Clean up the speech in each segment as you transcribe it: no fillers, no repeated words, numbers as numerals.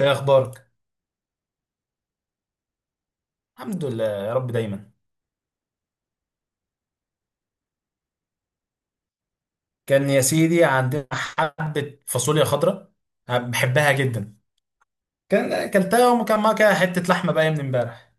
ايه اخبارك؟ الحمد لله يا رب دايما. كان يا سيدي عندنا حبه فاصوليا خضراء، أنا بحبها جدا. كان اكلتها وكان معاها كده حته لحمه بقى من امبارح.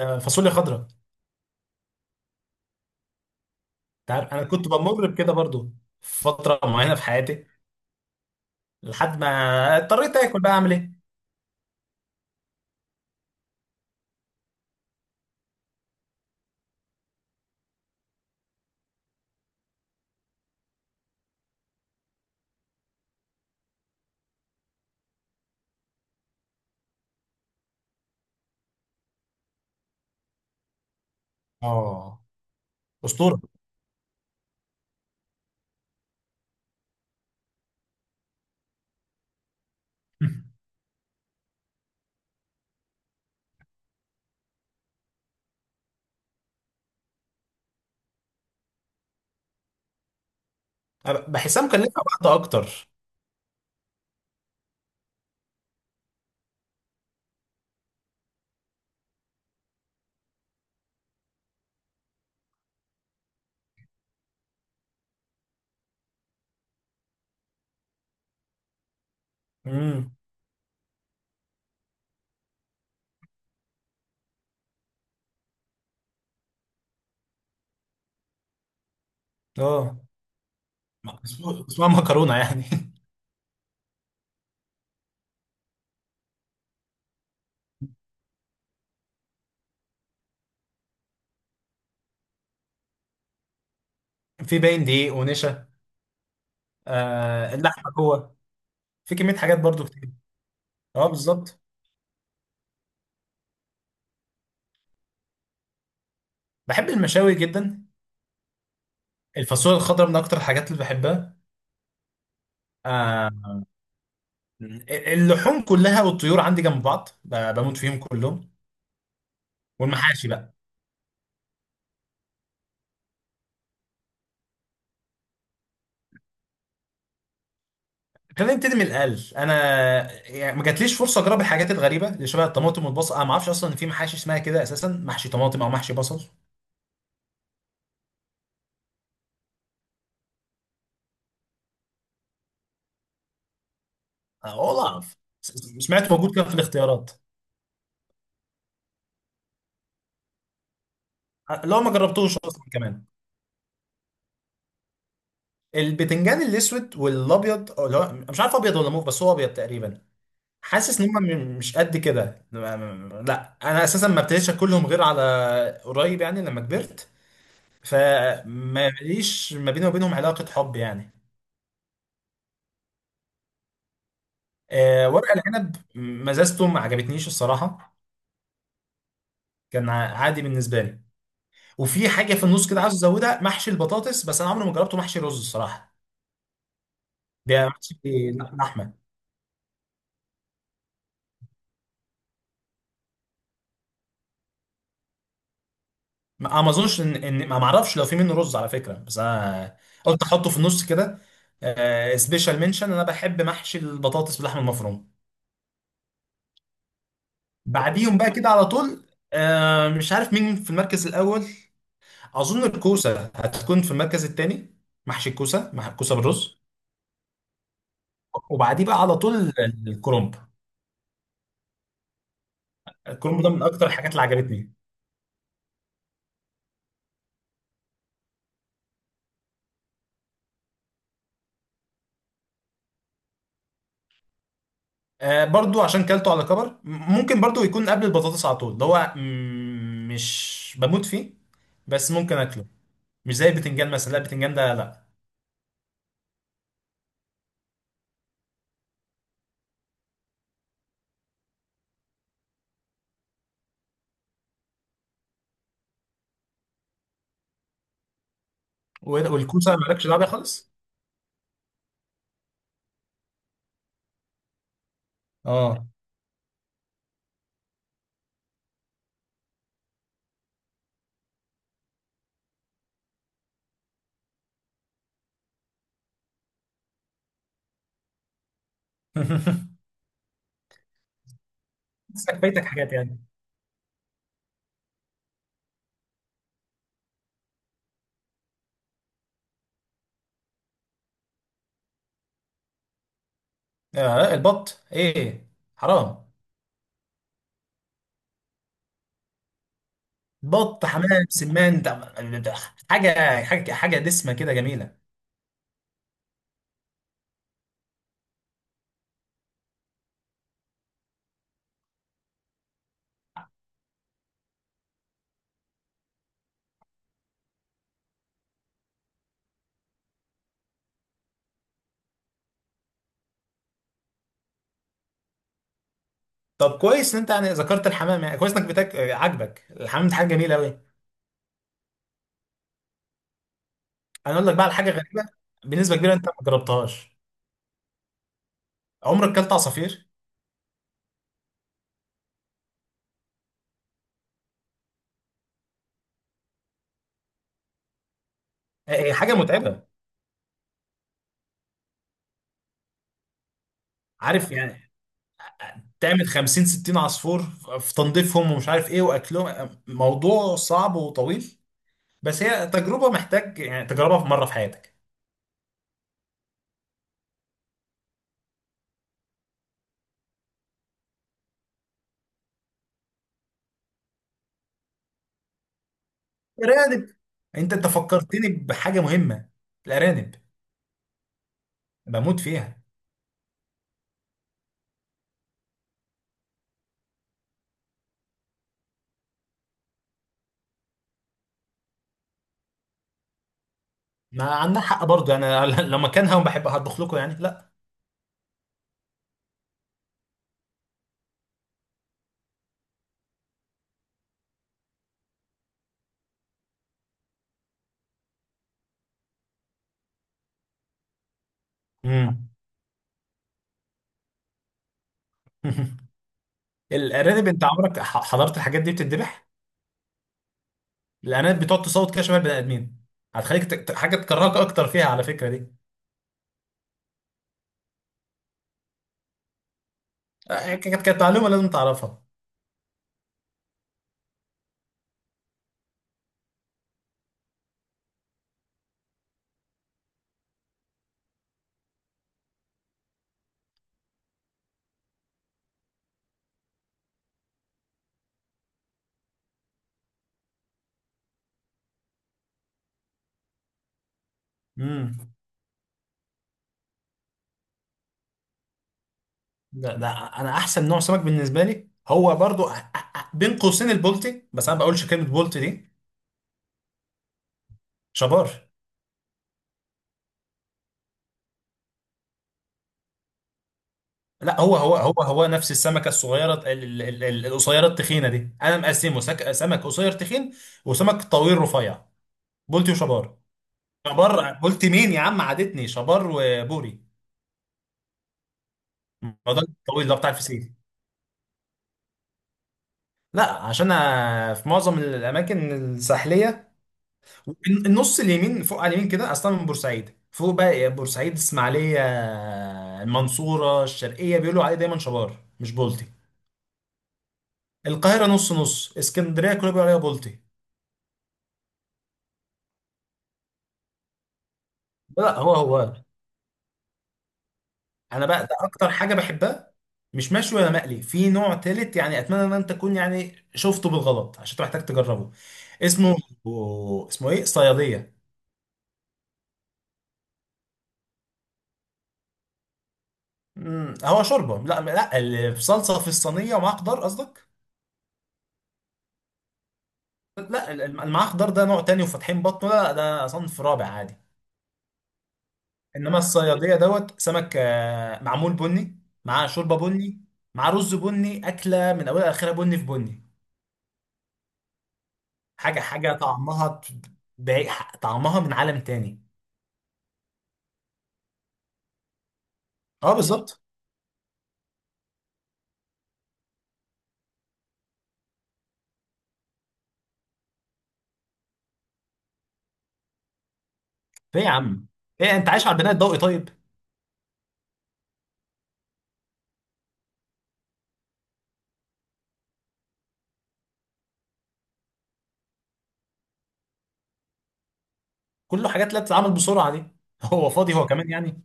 آه، فاصوليا خضراء. انت عارف انا كنت بمر بكده برضو فتره معينه في حياتي، لحد ما اضطريت اكل بقى، اعمل ايه؟ اه، اسطوره. أنا بحسها مكلفه بعض اكتر. امم. اه، اسمها مكرونه يعني. في باين دقيق ونشا. آه، اللحمه جوه. في كميه حاجات برضو كتير. اه، بالظبط. بحب المشاوي جدا. الفاصوليا الخضراء من اكتر الحاجات اللي بحبها. آه، اللحوم كلها والطيور عندي جنب بعض، بموت فيهم كلهم. والمحاشي بقى، خلينا نبتدي من الاقل. انا يعني ما جاتليش فرصه اجرب الحاجات الغريبه اللي شبه الطماطم والبصل، انا ما اعرفش اصلا ان في محاشي اسمها كده اساسا، محشي طماطم او محشي بصل. أه، والله اعرف. س- سمعت موجود كده في الاختيارات. آه، اللي هو ما جربتوش اصلا كمان. البتنجان الاسود والابيض، أو اللي هو مش عارف ابيض ولا موف، بس هو ابيض تقريبا. حاسس ان هم مش قد كده، لا انا اساسا ما ابتديتش اكلهم غير على قريب، يعني لما كبرت. فما ليش ما بيني وبينهم علاقه حب يعني. آه، ورق العنب مزازته ما عجبتنيش الصراحه. كان عادي بالنسبه لي. وفي حاجه في النص كده عاوز ازودها، محشي البطاطس، بس انا عمري ما جربته محشي رز الصراحه. ده محشي لحمه. ما أنا ما اظنش ان ما معرفش لو في منه رز على فكره، بس انا قلت احطه في النص كده. سبيشال منشن، انا بحب محشي البطاطس باللحمه المفرومه. بعديهم بقى كده على طول. آه، مش عارف مين في المركز الاول. اظن الكوسه هتكون في المركز الثاني، محشي الكوسه مع الكوسه بالرز. وبعديه بقى على طول الكرنب. الكرنب ده من اكتر الحاجات اللي عجبتني. آه، برضو عشان كلته على كبر، ممكن برضو يكون قبل البطاطس على طول، اللي هو مش بموت فيه، بس ممكن اكله. مش زي البتنجان مثلا، لا البتنجان ده لا. والكوسه مالكش دعوه بيها خالص. اه. بس فايتك حاجات يعني. آه، البط، ايه؟ حرام. بط، حمام، سمان ده، ده- حاجه حاجه حاجه دسمه كده جميله. طب كويس ان انت يعني ذكرت الحمام، يعني كويس انك بتاك، آه، عاجبك الحمام، ده حاجه جميله قوي. انا اقول لك بقى على حاجه غريبه، بنسبه كبيره انت ما جربتهاش. عمرك اكلت عصافير؟ هي حاجه متعبه. عارف يعني تعمل 50 60 عصفور، في تنظيفهم ومش عارف ايه واكلهم، آه، موضوع صعب وطويل. بس هي تجربه، محتاج يعني تجربها في مره في حياتك. ارانب. انت فكرتني بحاجه مهمه. الارانب، بموت فيها. ما عندنا حق برضه يعني، انا لو مكانها وبحب هطبخ لكم يعني، لا. امم. الارانب، انت عمرك حضرت الحاجات دي بتتذبح؟ الارانب بتقعد تصوت كده شبه البني ادمين، هتخليك حاجه تكرهك اكتر فيها على فكره دي. آه، كانت معلومه لازم تعرفها. امم. ده انا احسن نوع سمك بالنسبه لي هو برضو، بين قوسين البولتي، بس انا ما بقولش كلمه بولتي دي. شبار. لا، هو نفس السمكه الصغيره القصيره التخينه دي. انا مقسمه سمك قصير تخين، وسمك طويل رفيع. بولتي وشبار. شبار بولتي مين يا عم؟ عادتني شبار وبوري. الموضوع ده الطويل ده بتاع الفسيخ. لا، عشان أنا في معظم الاماكن الساحليه، النص اليمين، فوق على اليمين كده، اصلا من بورسعيد فوق بقى، بورسعيد، اسماعيليه، المنصوره، الشرقيه بيقولوا عليه دايما شبار مش بولتي. القاهره نص نص، اسكندريه كله بيقولوا عليها بولتي. لا، هو هو. انا بقى ده اكتر حاجه بحبها، مش مشوي ولا مقلي، في نوع تالت يعني، اتمنى ان انت تكون يعني شفته بالغلط عشان تحتاج تجربه. اسمه اسمه ايه؟ صياديه. امم، هو شوربه؟ لا لا، اللي بصلصه في الصينيه ومعاها خضار قصدك؟ لا معاه خضار ده نوع تاني وفاتحين بطنه، لا ده صنف رابع عادي. انما الصياديه دوت سمك، آه، معمول بني، معاه شوربه بني، مع رز بني، اكله من اولها لاخرها بني في بني. حاجه حاجه طعمها طعمها من عالم تاني. اه، بالظبط. ايه يا عم؟ ايه، انت عايش على البناء الضوئي طيب؟ كله حاجات لا تتعمل بسرعه دي. هو فاضي هو كمان يعني.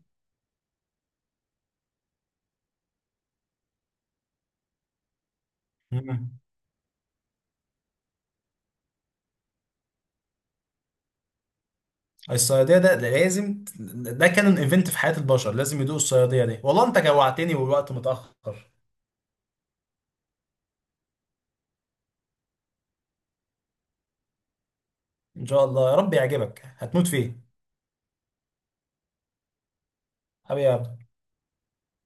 مم. الصياديه ده لازم. ده كان ان ايفنت في حياه البشر، لازم يدوق الصياديه دي، والله انت جوعتني والوقت متاخر. ان شاء الله يا رب يعجبك، هتموت فيه. حبيبي يا عبد.